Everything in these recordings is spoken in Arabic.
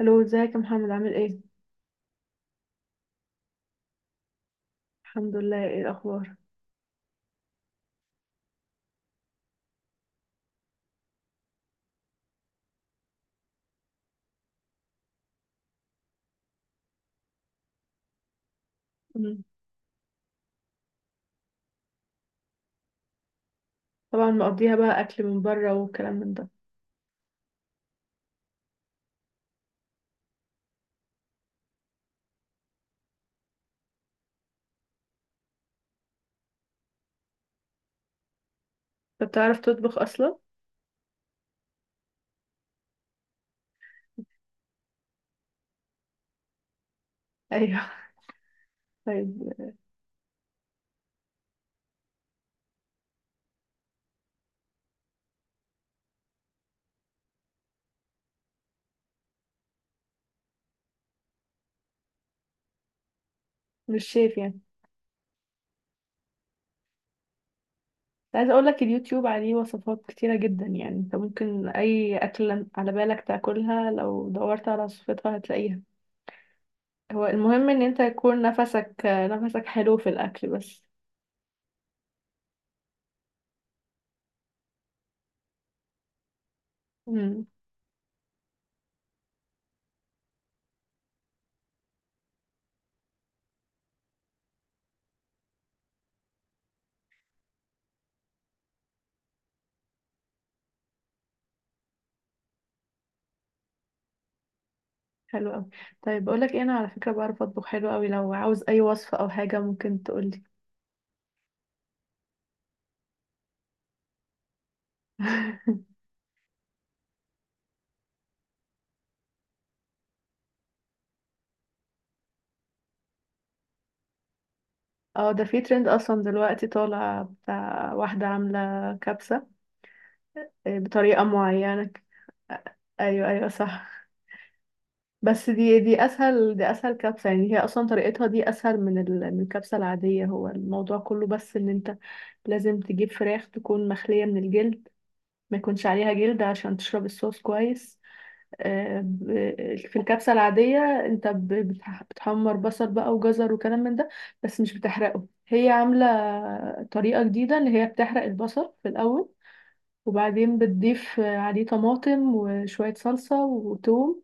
الو، ازيك يا محمد؟ عامل ايه؟ الحمد لله. ايه الاخبار؟ مم. طبعا مقضيها بقى اكل من بره والكلام من ده. طب بتعرف تطبخ اصلا؟ ايوه. طيب. مش شيف يعني؟ عايزه اقول لك اليوتيوب عليه وصفات كتيره جدا، يعني انت ممكن اي اكل على بالك تاكلها لو دورت على وصفتها هتلاقيها. هو المهم ان انت يكون نفسك نفسك حلو في الاكل بس. مم. حلو قوي. طيب بقول لك ايه، انا على فكره بعرف اطبخ حلو قوي، لو عاوز اي وصفه او حاجه ممكن تقولي. اه، ده في ترند اصلا دلوقتي طالع بتاع واحدة عاملة كبسة. بطريقة معينة آه، ايوه ايوه، صح. بس دي اسهل كبسة، يعني هي اصلا طريقتها دي اسهل من من الكبسة العادية. هو الموضوع كله بس ان انت لازم تجيب فراخ تكون مخلية من الجلد، ما يكونش عليها جلد عشان تشرب الصوص كويس. في الكبسة العادية انت بتحمر بصل بقى وجزر وكلام من ده، بس مش بتحرقه. هي عاملة طريقة جديدة اللي هي بتحرق البصل في الأول، وبعدين بتضيف عليه طماطم وشوية صلصة وتوم،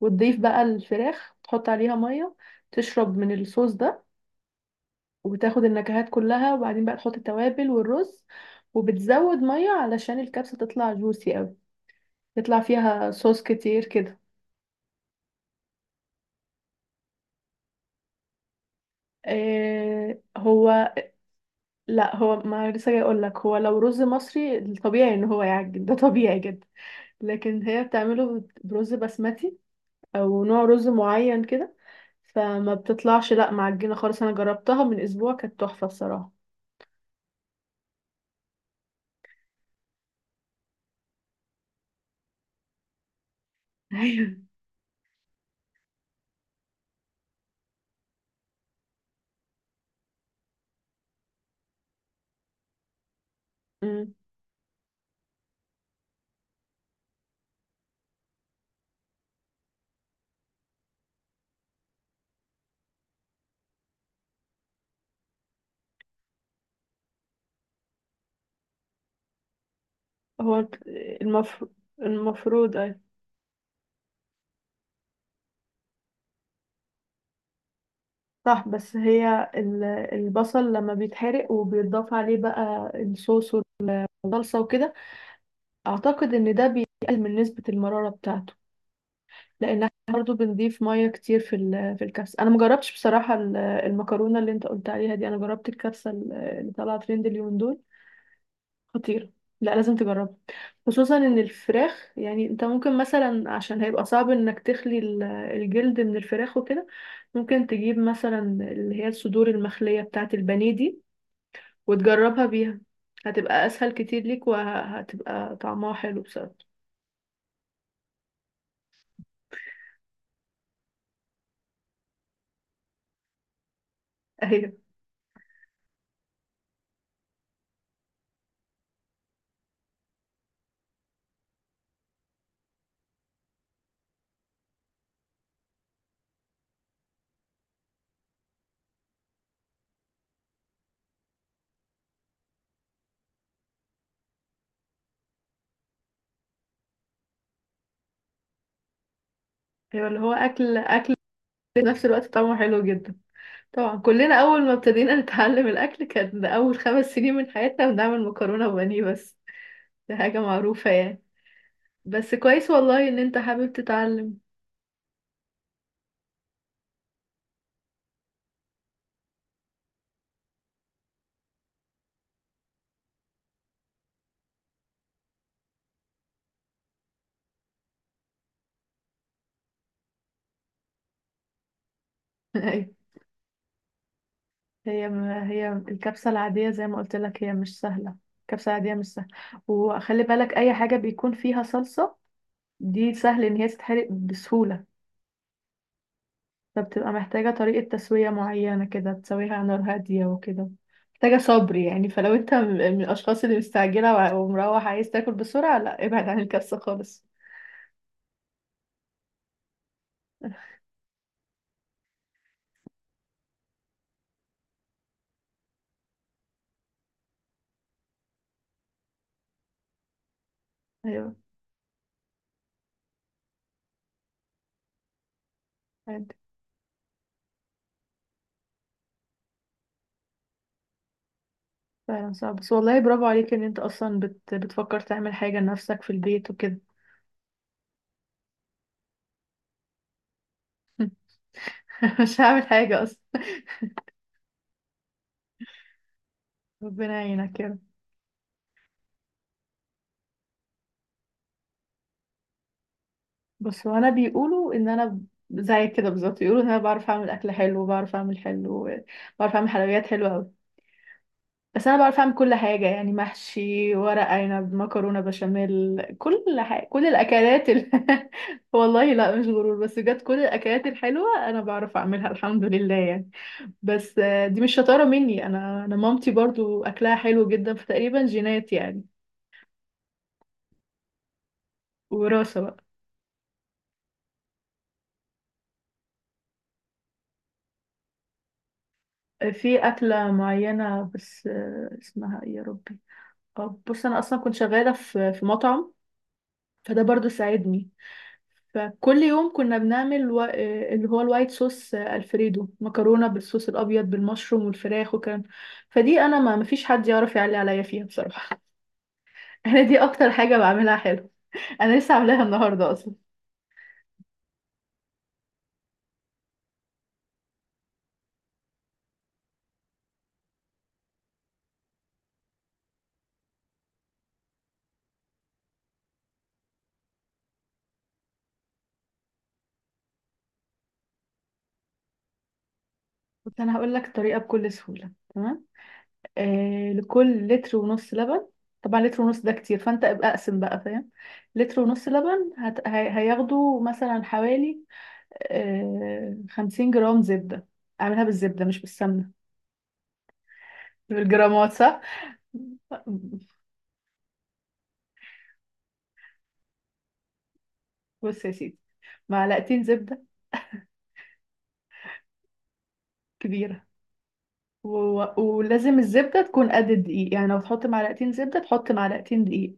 وتضيف بقى الفراخ، تحط عليها مية تشرب من الصوص ده وتاخد النكهات كلها، وبعدين بقى تحط التوابل والرز، وبتزود مية علشان الكبسة تطلع جوسي قوي، يطلع فيها صوص كتير كده. هو لا، هو ما لسه جاي اقول لك، هو لو رز مصري الطبيعي ان هو يعجن ده طبيعي جدا، لكن هي بتعمله برز بسمتي، او نوع رز معين كده، فما بتطلعش لا معجنه خالص. انا جربتها من اسبوع كانت تحفه الصراحه. ايوه. أمم. هو المفروض المفروض ايوه. صح، بس هي البصل لما بيتحرق وبيتضاف عليه بقى الصوص والصلصه وكده، اعتقد ان ده بيقلل من نسبه المراره بتاعته، لان احنا برضو بنضيف ميه كتير في في الكبسه. انا مجربتش بصراحه المكرونه اللي انت قلت عليها دي، انا جربت الكبسه اللي طالعه ترند اليومين دول. خطيره، لا لازم تجربها. خصوصا ان الفراخ، يعني انت ممكن مثلا عشان هيبقى صعب انك تخلي الجلد من الفراخ وكده، ممكن تجيب مثلا اللي هي الصدور المخليه بتاعه البانيه دي وتجربها بيها. هتبقى اسهل كتير ليك وهتبقى طعمها حلو بصراحه. ايوه ايوه، اللي هو اكل اكل في نفس الوقت طعمه حلو جدا. طبعا كلنا أول ما ابتدينا نتعلم الأكل، كان أول خمس سنين من حياتنا بنعمل مكرونة وبانيه بس. دي حاجة معروفة يعني. بس كويس والله إن أنت حابب تتعلم. أيوة. هي هي الكبسة العادية زي ما قلت لك هي مش سهلة، الكبسة العادية مش سهلة. وخلي بالك أي حاجة بيكون فيها صلصة دي سهل إن هي تتحرق بسهولة، فبتبقى محتاجة طريقة تسوية معينة كده، تسويها على نار هادية وكده، محتاجة صبر يعني. فلو انت من الأشخاص اللي مستعجلة ومروح عايز تاكل بسرعة، لا ابعد عن الكبسة خالص. أيوة. عادي. فعلا صعب، بس والله برافو عليك ان انت اصلا بتفكر تعمل حاجة لنفسك في البيت وكده. مش هعمل حاجة اصلا. ربنا يعينك يا رب. بس وانا بيقولوا ان انا زي كده بالظبط، بيقولوا ان انا بعرف اعمل اكل حلو، بعرف اعمل حلويات حلوة أوي. بس انا بعرف اعمل كل حاجه، يعني محشي، ورق عنب، مكرونه بشاميل، كل حاجه، كل الاكلات والله لا، مش غرور، بس بجد كل الاكلات الحلوه انا بعرف اعملها الحمد لله يعني. بس دي مش شطاره مني، انا مامتي برضو اكلها حلو جدا، فتقريبا جينات يعني، وراثه بقى. في اكله معينه، بس اسمها ايه يا ربي؟ بص، انا اصلا كنت شغاله في مطعم، فده برضو ساعدني. فكل يوم كنا بنعمل و... آه، اللي هو الوايت صوص، الفريدو، مكرونه بالصوص الابيض بالمشروم والفراخ، وكان فدي انا ما مفيش حد يعرف يعلي عليا فيها بصراحه. انا دي اكتر حاجه بعملها حلو، انا لسه عاملاها النهارده اصلا. بس انا هقول لك الطريقه بكل سهوله، تمام. لكل لتر ونص لبن، طبعا لتر ونص ده كتير فانت ابقى اقسم بقى، فاهم. لتر ونص لبن هياخدوا مثلا حوالي 50 جرام زبده. اعملها بالزبده مش بالسمنه. بالجرامات، صح. بص يا سيدي، معلقتين زبدة كبيرة، و... ولازم الزبدة تكون قد الدقيق، يعني لو تحط معلقتين زبدة تحط معلقتين دقيق،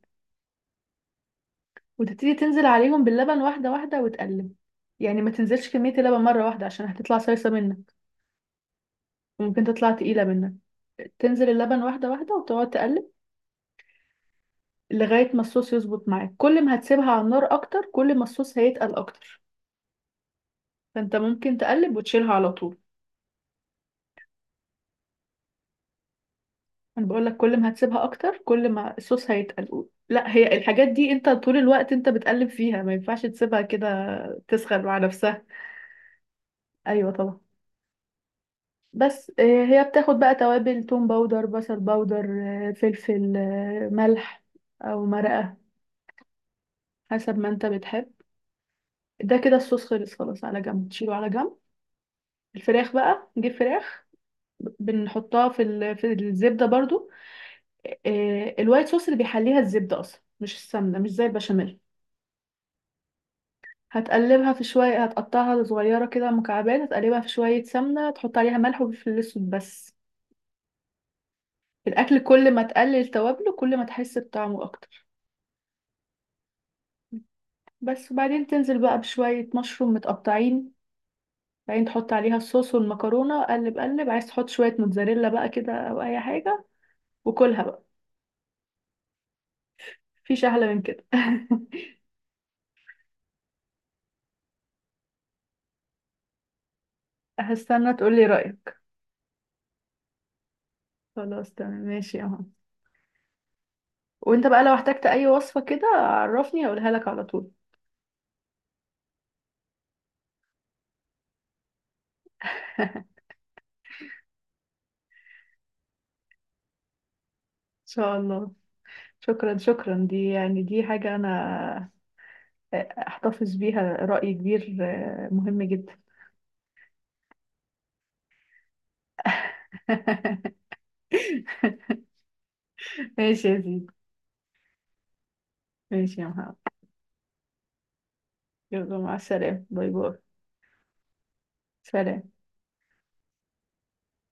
وتبتدي تنزل عليهم باللبن واحدة واحدة وتقلب، يعني ما تنزلش كمية اللبن مرة واحدة عشان هتطلع صيصة منك، وممكن تطلع تقيلة منك. تنزل اللبن واحدة واحدة وتقعد تقلب لغاية ما الصوص يظبط معاك، كل ما هتسيبها على النار أكتر كل ما الصوص هيتقل أكتر، فأنت ممكن تقلب وتشيلها على طول. انا بقول لك كل ما هتسيبها اكتر كل ما الصوص هيتقل، لا هي الحاجات دي انت طول الوقت انت بتقلب فيها، ما ينفعش تسيبها كده تسخن مع نفسها. ايوه طبعا. بس هي بتاخد بقى توابل: توم باودر، بصل باودر، فلفل، ملح، او مرقة، حسب ما انت بتحب. ده كده الصوص خلص، خلاص على جنب، تشيله على جنب. الفراخ بقى، نجيب فراخ، بنحطها في في الزبدة برضو. الوايت صوص اللي بيحليها الزبدة اصلا مش السمنة، مش زي البشاميل. هتقلبها في شوية، هتقطعها صغيرة كده مكعبات، هتقلبها في شوية سمنة، تحط عليها ملح وفلفل أسود بس. الأكل كل ما تقلل توابله كل ما تحس بطعمه أكتر. بس وبعدين تنزل بقى بشوية مشروم متقطعين، بعدين تحط عليها الصوص والمكرونة، قلب قلب، عايز تحط شوية موتزاريلا بقى كده أو أي حاجة وكلها بقى. مفيش أحلى من كده. هستنى تقولي رأيك. خلاص تمام ماشي أهو. وانت بقى لو احتجت أي وصفة كده عرفني هقولها لك على طول. إن شاء الله. شكرا شكرا، دي يعني دي حاجة أنا أحتفظ بيها، رأي كبير مهم جدا. ماشي يا زيد. ماشي يا محمد. يلا مع السلامة، باي باي. سلام.